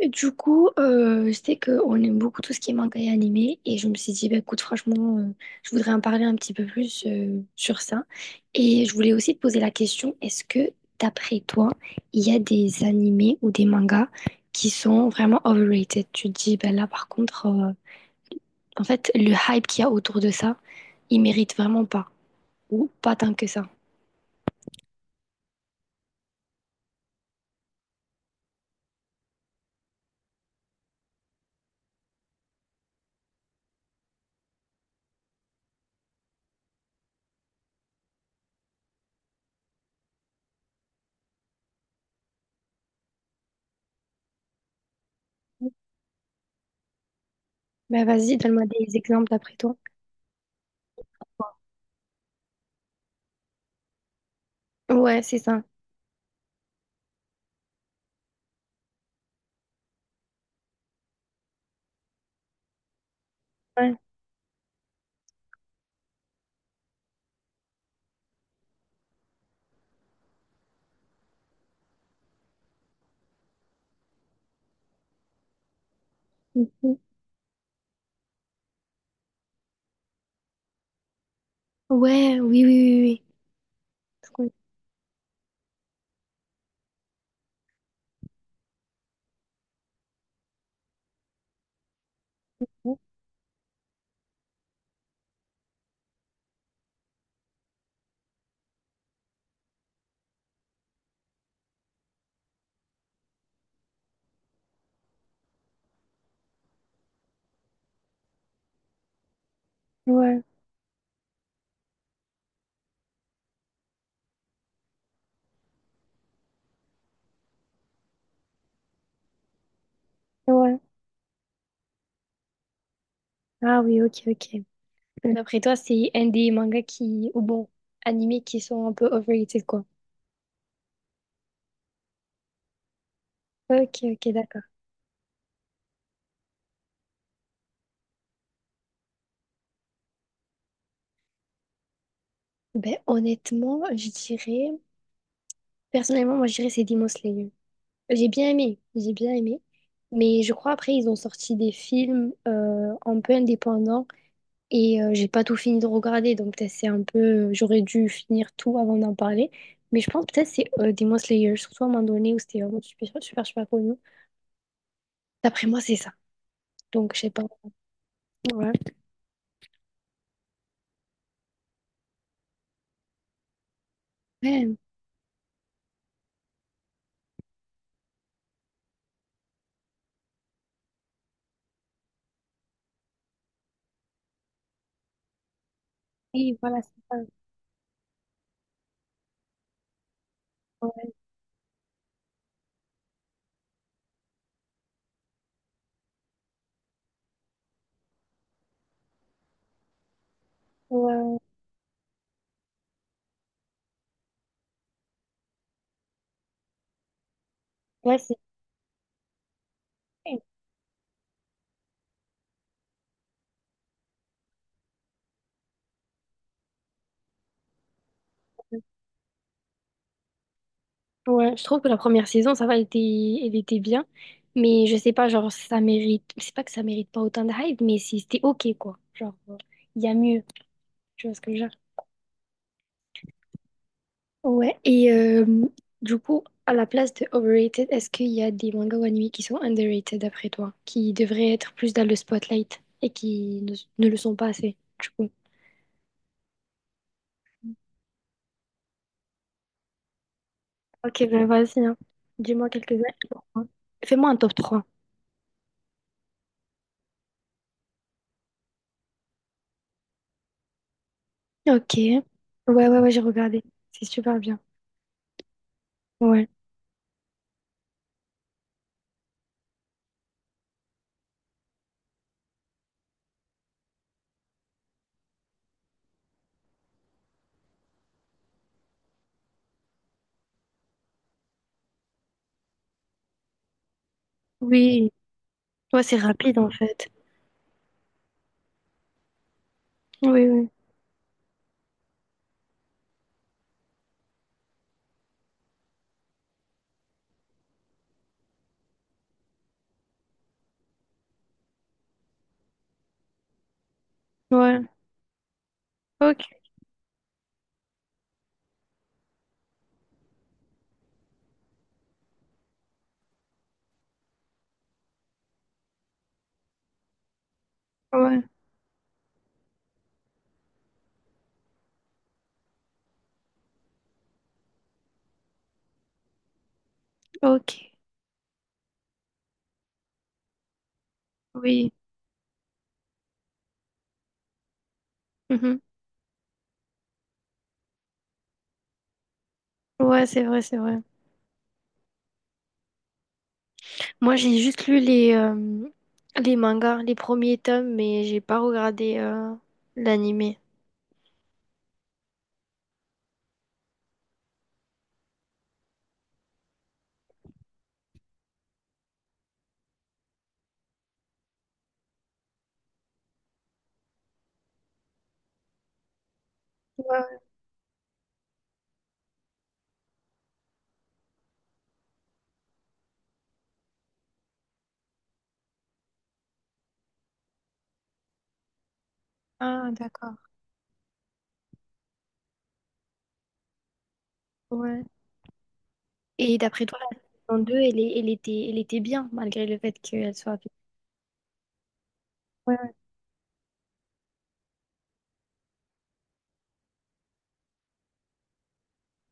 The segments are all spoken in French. Et du coup, je sais qu'on aime beaucoup tout ce qui est manga et animé, et je me suis dit, bah, écoute, franchement, je voudrais en parler un petit peu plus sur ça. Et je voulais aussi te poser la question, est-ce que, d'après toi, il y a des animés ou des mangas qui sont vraiment overrated? Tu te dis, bah, là, par contre, en fait, le hype qu'il y a autour de ça, il mérite vraiment pas, ou pas tant que ça. Bah vas-y, donne-moi des exemples d'après toi. Ouais, c'est ça. Ouais. Mhm. Ouais, oui, oui, oui, oui. Trop cool. Ouais, ouais. Ah oui, ok, ok. D'après toi, c'est un des mangas qui, ou bon, animés qui sont un peu overrated, quoi. Ok, ok, d'accord. Ben honnêtement, je dirais. Personnellement, moi, je dirais c'est Demon Slayer. J'ai bien aimé, j'ai bien aimé. Mais je crois après, ils ont sorti des films un peu indépendants et j'ai pas tout fini de regarder. Donc peut-être c'est un peu, j'aurais dû finir tout avant d'en parler. Mais je pense peut-être c'est Demon Slayer, surtout à un moment donné où c'était vraiment super, super, super connu. D'après moi, c'est ça. Donc je sais pas. Ouais. Ouais, oui, voilà, c'est ça. Ouais, ouais, ouais, c'est... Ouais, je trouve que la première saison, ça va, elle était bien. Mais je sais pas, genre, ça mérite. C'est pas que ça mérite pas autant de hype, mais c'était ok, quoi. Genre, il y a mieux. Tu vois ce que je veux dire? Ouais, et du coup, à la place de overrated, est-ce qu'il y a des mangas ou animés qui sont underrated d'après toi, qui devraient être plus dans le spotlight et qui ne le sont pas assez, du coup? Ok, ben vas-y, hein. Dis-moi quelques-uns. Fais-moi un top trois. Ok. Ouais, ouais, ouais, j'ai regardé. C'est super bien. Ouais. Oui, ouais, c'est rapide en fait. Oui, oui. Ouais. Ok. Ouais. Ok. Oui. Mhm. Ouais, c'est vrai, c'est vrai. Moi, j'ai juste lu les mangas, les premiers tomes, mais j'ai pas regardé l'animé. Ouais. Ah, d'accord. Ouais. Et d'après toi, la saison 2, elle, elle était bien, malgré le fait qu'elle soit. Ouais, ouais.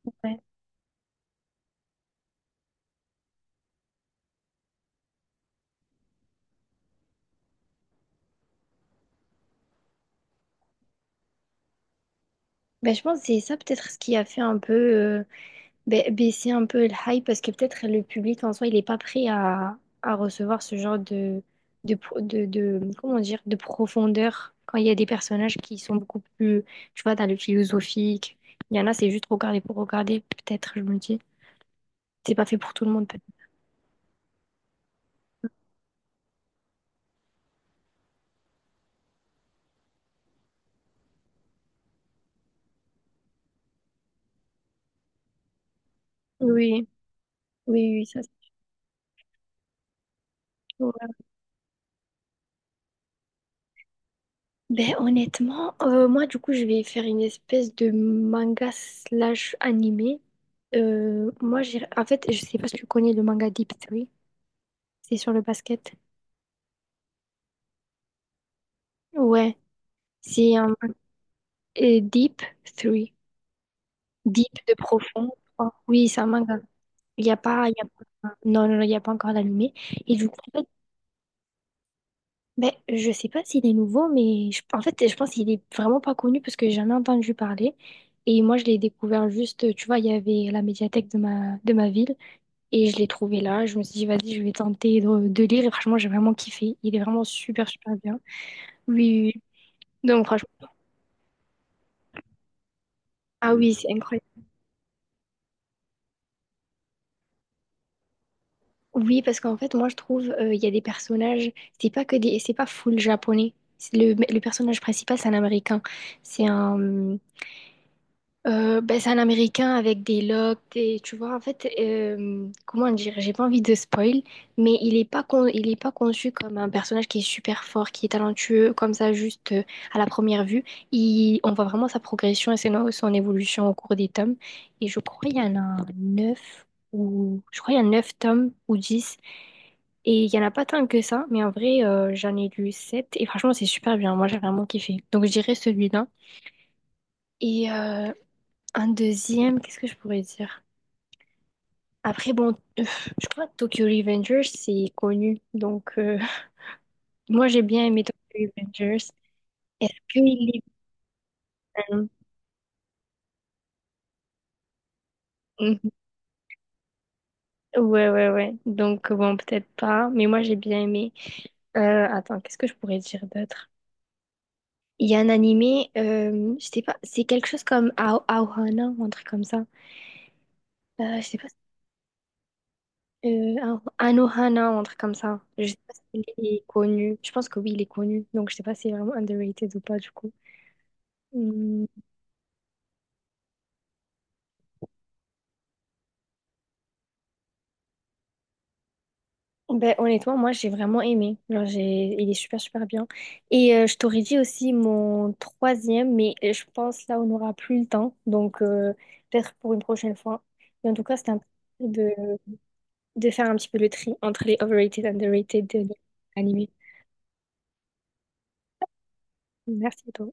Ouais. Ben, je pense que c'est ça peut-être ce qui a fait un peu, baisser un peu le hype parce que peut-être le public en soi, il n'est pas prêt à recevoir ce genre de comment dire, de profondeur quand il y a des personnages qui sont beaucoup plus, tu vois, dans le philosophique. Il y en a, c'est juste regarder pour regarder, peut-être, je me dis. C'est pas fait pour tout le monde, peut-être. Oui, oui, oui, ça c'est sûr. Ben honnêtement, moi du coup je vais faire une espèce de manga slash animé. Moi j'ai en fait je sais pas si tu connais le manga Deep Three, c'est sur le basket. Ouais, c'est un Deep Three. Deep de profond. Oh, oui, c'est un manga. Il n'y a pas, il y a pas, non, non, non, il n'y a pas encore d'animé. Et du coup, en fait, ben, je sais pas s'il est nouveau, mais en fait, je pense qu'il est vraiment pas connu parce que j'ai jamais entendu parler. Et moi, je l'ai découvert juste, tu vois, il y avait la médiathèque de ma ville et je l'ai trouvé là. Je me suis dit, vas-y, je vais tenter de lire. Et franchement, j'ai vraiment kiffé. Il est vraiment super, super bien. Oui, oui. Oui. Donc, franchement, ah oui, c'est incroyable. Oui, parce qu'en fait, moi, je trouve, il y a des personnages, c'est pas que des, c'est pas full japonais. C'est le personnage principal, c'est un Américain. C'est un, c'est un Américain avec des locks, et tu vois, en fait, comment dire, j'ai pas envie de spoil, mais il est pas conçu comme un personnage qui est super fort, qui est talentueux, comme ça, juste à la première vue. On voit vraiment sa progression et son évolution au cours des tomes. Et je crois qu'il y en a 9 ou je crois qu'il y a 9 tomes ou dix. Et il y en a pas tant que ça, mais en vrai, j'en ai lu 7 et franchement, c'est super bien. Moi, j'ai vraiment kiffé. Donc, je dirais celui-là. Et un deuxième, qu'est-ce que je pourrais dire? Après, bon, je crois que Tokyo Revengers, c'est connu. Donc, moi, j'ai bien aimé Tokyo Revengers. Est-ce qu'il est bien? Mhm. Ouais, ouais, ouais. Donc, bon, peut-être pas, mais moi, j'ai bien aimé. Attends, qu'est-ce que je pourrais dire d'autre? Il y a un animé, je sais pas, c'est quelque chose comme Aohana ou un truc comme ça. Je sais pas, Anohana ou un truc comme ça. Je sais pas s'il est connu. Je pense que oui, il est connu. Donc, je sais pas si c'est vraiment underrated ou pas, du coup. Hmm. Ben, honnêtement, moi j'ai vraiment aimé. Genre, j'ai. Il est super super bien. Et je t'aurais dit aussi mon troisième, mais je pense là on n'aura plus le temps. Donc peut-être pour une prochaine fois. Mais en tout cas, c'était un plaisir de... de faire un petit peu le tri entre les overrated and underrated de animés. Merci à toi.